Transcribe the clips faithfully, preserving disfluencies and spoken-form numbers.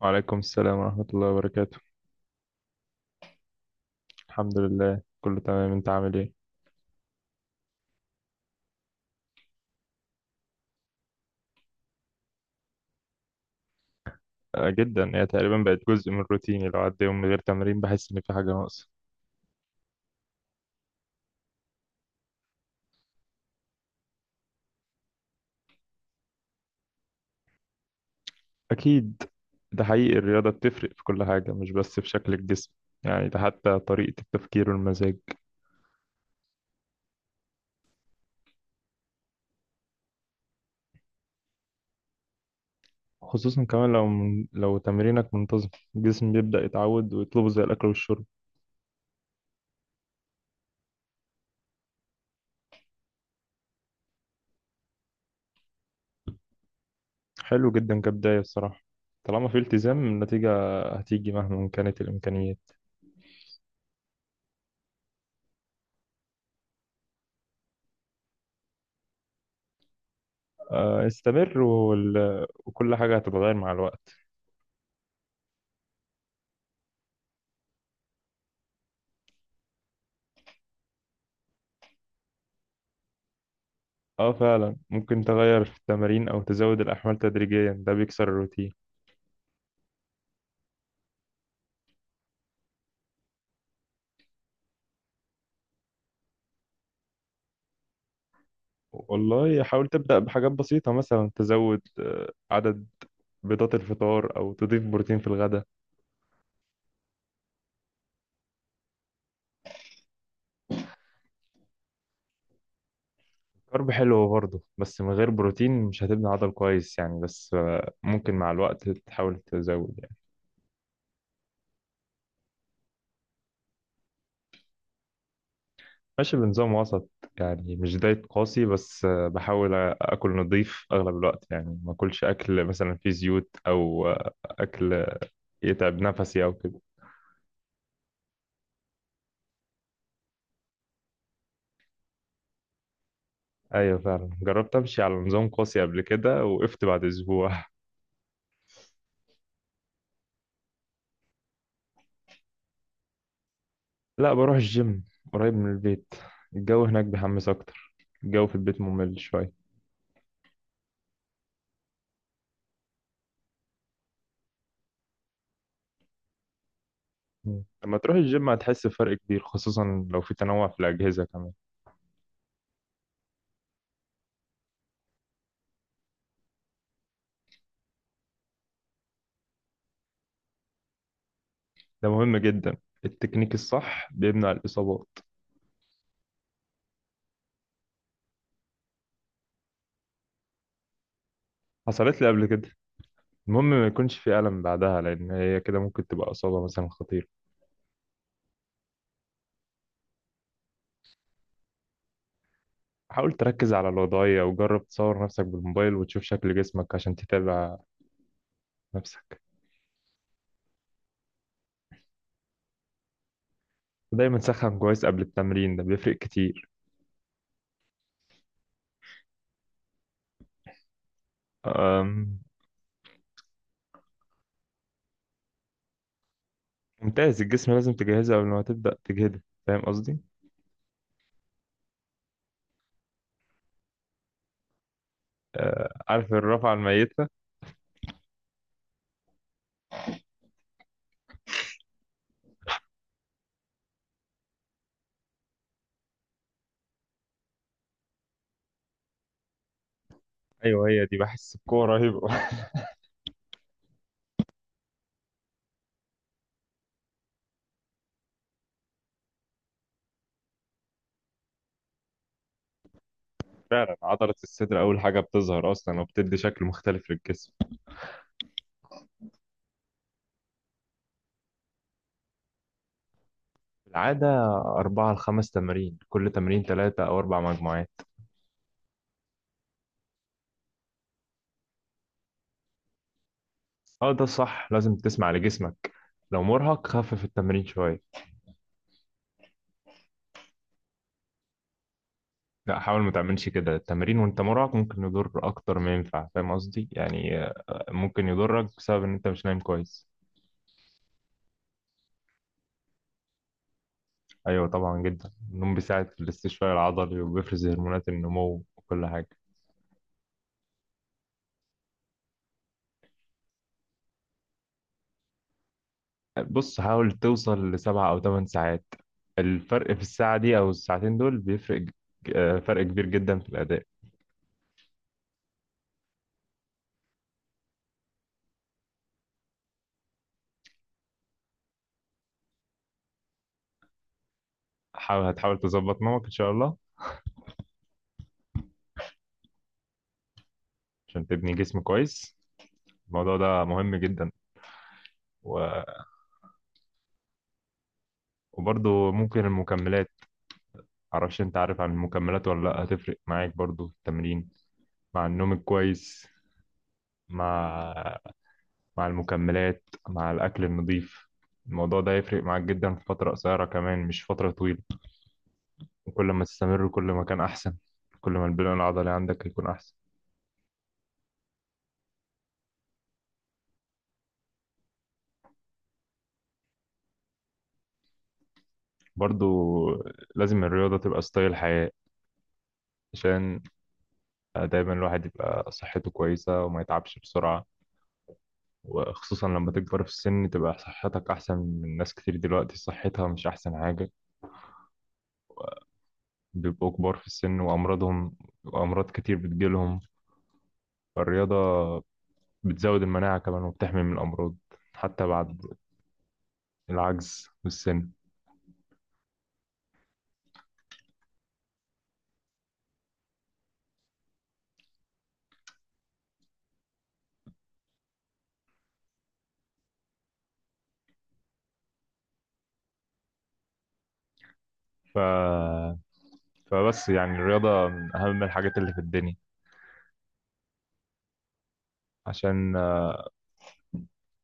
وعليكم السلام ورحمة الله وبركاته. الحمد لله، كله تمام. انت عامل ايه؟ آه، جدا، هي تقريبا بقت جزء من روتيني. لو عدى يوم من غير تمرين بحس ان في حاجة ناقصة. اكيد. ده حقيقي، الرياضة بتفرق في كل حاجة، مش بس في شكل الجسم. يعني ده حتى طريقة التفكير والمزاج. خصوصا كمان لو من... لو تمرينك منتظم، الجسم بيبدأ يتعود ويطلبه زي الأكل والشرب. حلو جدا كبداية الصراحة. طالما في التزام، النتيجة هتيجي مهما كانت الإمكانيات. آه، استمر، وال... وكل حاجة هتتغير مع الوقت. اه فعلا، ممكن تغير في التمارين او تزود الاحمال تدريجيا، ده بيكسر الروتين. والله حاول تبدا بحاجات بسيطه، مثلا تزود آه، عدد بيضات الفطار، او تضيف بروتين في الغداء. كارب حلو برضه، بس من غير بروتين مش هتبني عضل كويس يعني. بس آه، ممكن مع الوقت تحاول تزود يعني. ماشي بنظام وسط، يعني مش دايت قاسي. بس آه، بحاول اكل نظيف اغلب الوقت، يعني ما اكلش اكل مثلا فيه زيوت او آه، اكل يتعب نفسي او كده. ايوه فعلا، جربت امشي على نظام قاسي قبل كده، وقفت بعد اسبوع. لا، بروح الجيم، قريب من البيت. الجو هناك بيحمس اكتر، الجو في البيت ممل شويه. مم. لما تروح الجيم هتحس بفرق كبير، خصوصا لو في تنوع في الاجهزه كمان. ده مهم جدا، التكنيك الصح بيمنع الاصابات. حصلت لي قبل كده. المهم ما يكونش في الم بعدها، لان هي كده ممكن تبقى اصابه مثلا خطيره. حاول تركز على الوضعيه، وجرب تصور نفسك بالموبايل وتشوف شكل جسمك عشان تتابع نفسك. دايما سخن كويس قبل التمرين، ده بيفرق كتير. أم، ممتاز. الجسم لازم تجهزه قبل ما تبدأ تجهده، فاهم قصدي؟ أه، عارف الرفعة الميتة؟ أيوه، هي دي بحس بقوة رهيبة. فعلا عضلة الصدر أول حاجة بتظهر أصلا، وبتدي شكل مختلف للجسم. في العادة أربعة لخمس تمارين، كل تمرين تلاتة أو أربع مجموعات. أه ده صح، لازم تسمع لجسمك. لو مرهق خفف التمرين شوية. لا، حاول ما تعملش كده. التمرين وانت مرهق ممكن يضر اكتر ما ينفع، فاهم قصدي؟ يعني آه، ممكن يضرك بسبب ان انت مش نايم كويس. ايوه طبعا جدا، النوم بيساعد في الاستشفاء العضلي، وبيفرز هرمونات النمو وكل حاجه. بص، حاول توصل لسبع او ثمان ساعات. الفرق في الساعه دي او الساعتين دول بيفرق ج- آه، فرق كبير جدا في الاداء. حاول هتحاول تظبط نومك ان شاء الله، عشان تبني جسم كويس. الموضوع ده مهم جدا. و... وبرضه ممكن المكملات. معرفش انت عارف عن المكملات ولا لأ. هتفرق معاك برضو في التمرين، مع النوم الكويس، مع مع المكملات، مع الأكل النظيف. الموضوع ده هيفرق معاك جدا في فترة قصيرة، كمان مش فترة طويلة. وكل ما تستمر كل ما كان أحسن، كل ما البناء العضلي عندك هيكون أحسن. برضو لازم الرياضة تبقى ستايل حياة، عشان دايما الواحد يبقى صحته كويسة وما يتعبش بسرعة. وخصوصا لما تكبر في السن، تبقى صحتك أحسن من ناس كتير دلوقتي صحتها مش أحسن حاجة. بيبقوا كبار في السن وأمراضهم، وأمراض كتير بتجيلهم. فالرياضة بتزود المناعة كمان، وبتحمي من الأمراض حتى بعد العجز والسن. ف... فبس يعني الرياضة من أهم الحاجات اللي في الدنيا. عشان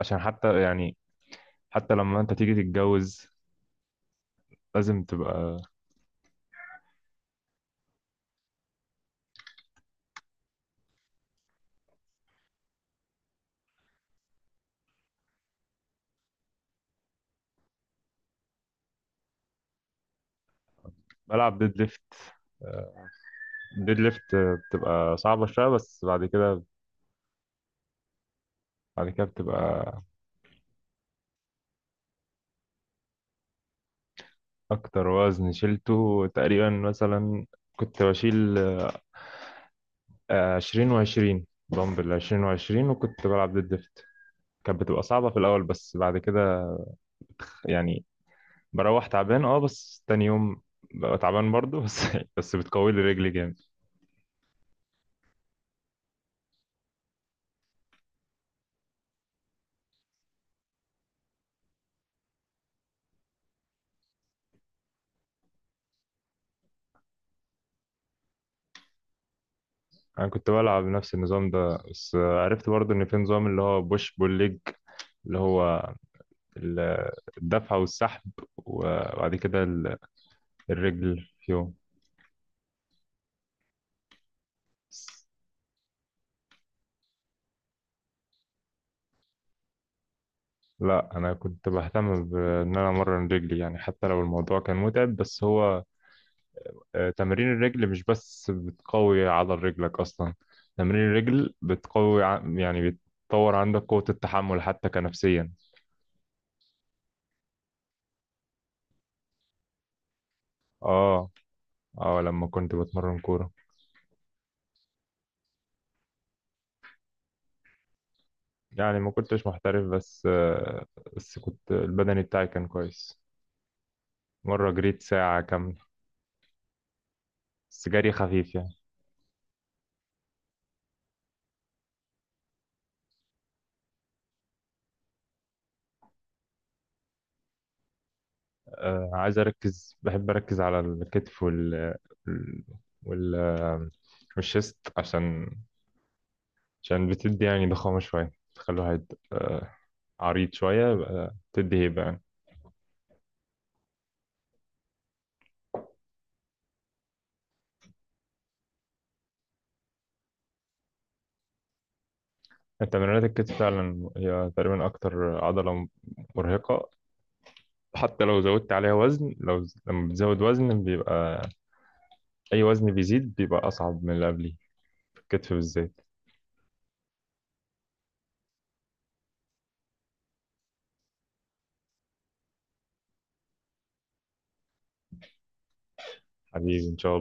عشان حتى يعني، حتى لما أنت تيجي تتجوز لازم تبقى. بلعب ديد ليفت. ديد ليفت بتبقى صعبة شوية، بس بعد كده. بعد كده بتبقى. أكتر وزن شلته تقريبا مثلا، كنت بشيل آه، عشرين وعشرين دمبل، عشرين وعشرين، وكنت بلعب ديد ليفت. كانت بتبقى صعبة في الأول، بس بعد كده يعني بروح تعبان، اه بس تاني يوم ببقى تعبان برضه. بس بس بتقوي لي رجلي جامد. أنا كنت بلعب نفس النظام ده، بس عرفت برضه إن في نظام اللي هو بوش بول ليج، اللي هو ال- الدفع والسحب، وبعد كده ال- الرجل فيهم. لا، أنا كنت بهتم بإن أنا أمرن رجلي، يعني حتى لو الموضوع كان متعب. بس هو آه، تمارين الرجل مش بس بتقوي عضل رجلك أصلا، تمارين الرجل بتقوي ع- يعني بتطور عندك قوة التحمل حتى كنفسيا. اه اه، لما كنت بتمرن كورة. يعني ما كنتش محترف، بس آه، بس كنت البدني بتاعي كان كويس. مرة جريت ساعة كاملة، بس جري خفيف يعني. آه، عايز أركز بحب أركز على الكتف وال وال وال- والشيست، عشان عشان بتدي يعني ضخامة شوية، تخلي الواحد عريض شوية، يبقى تدي هيبة يعني. تمرينات الكتف فعلا هي تقريبا أكتر عضلة مرهقة. حتى لو زودت عليها وزن، لو ز- لما بتزود وزن بيبقى أي وزن بيزيد بيبقى أصعب من اللي قبليه، في الكتف بالذات. حبيبي إن شاء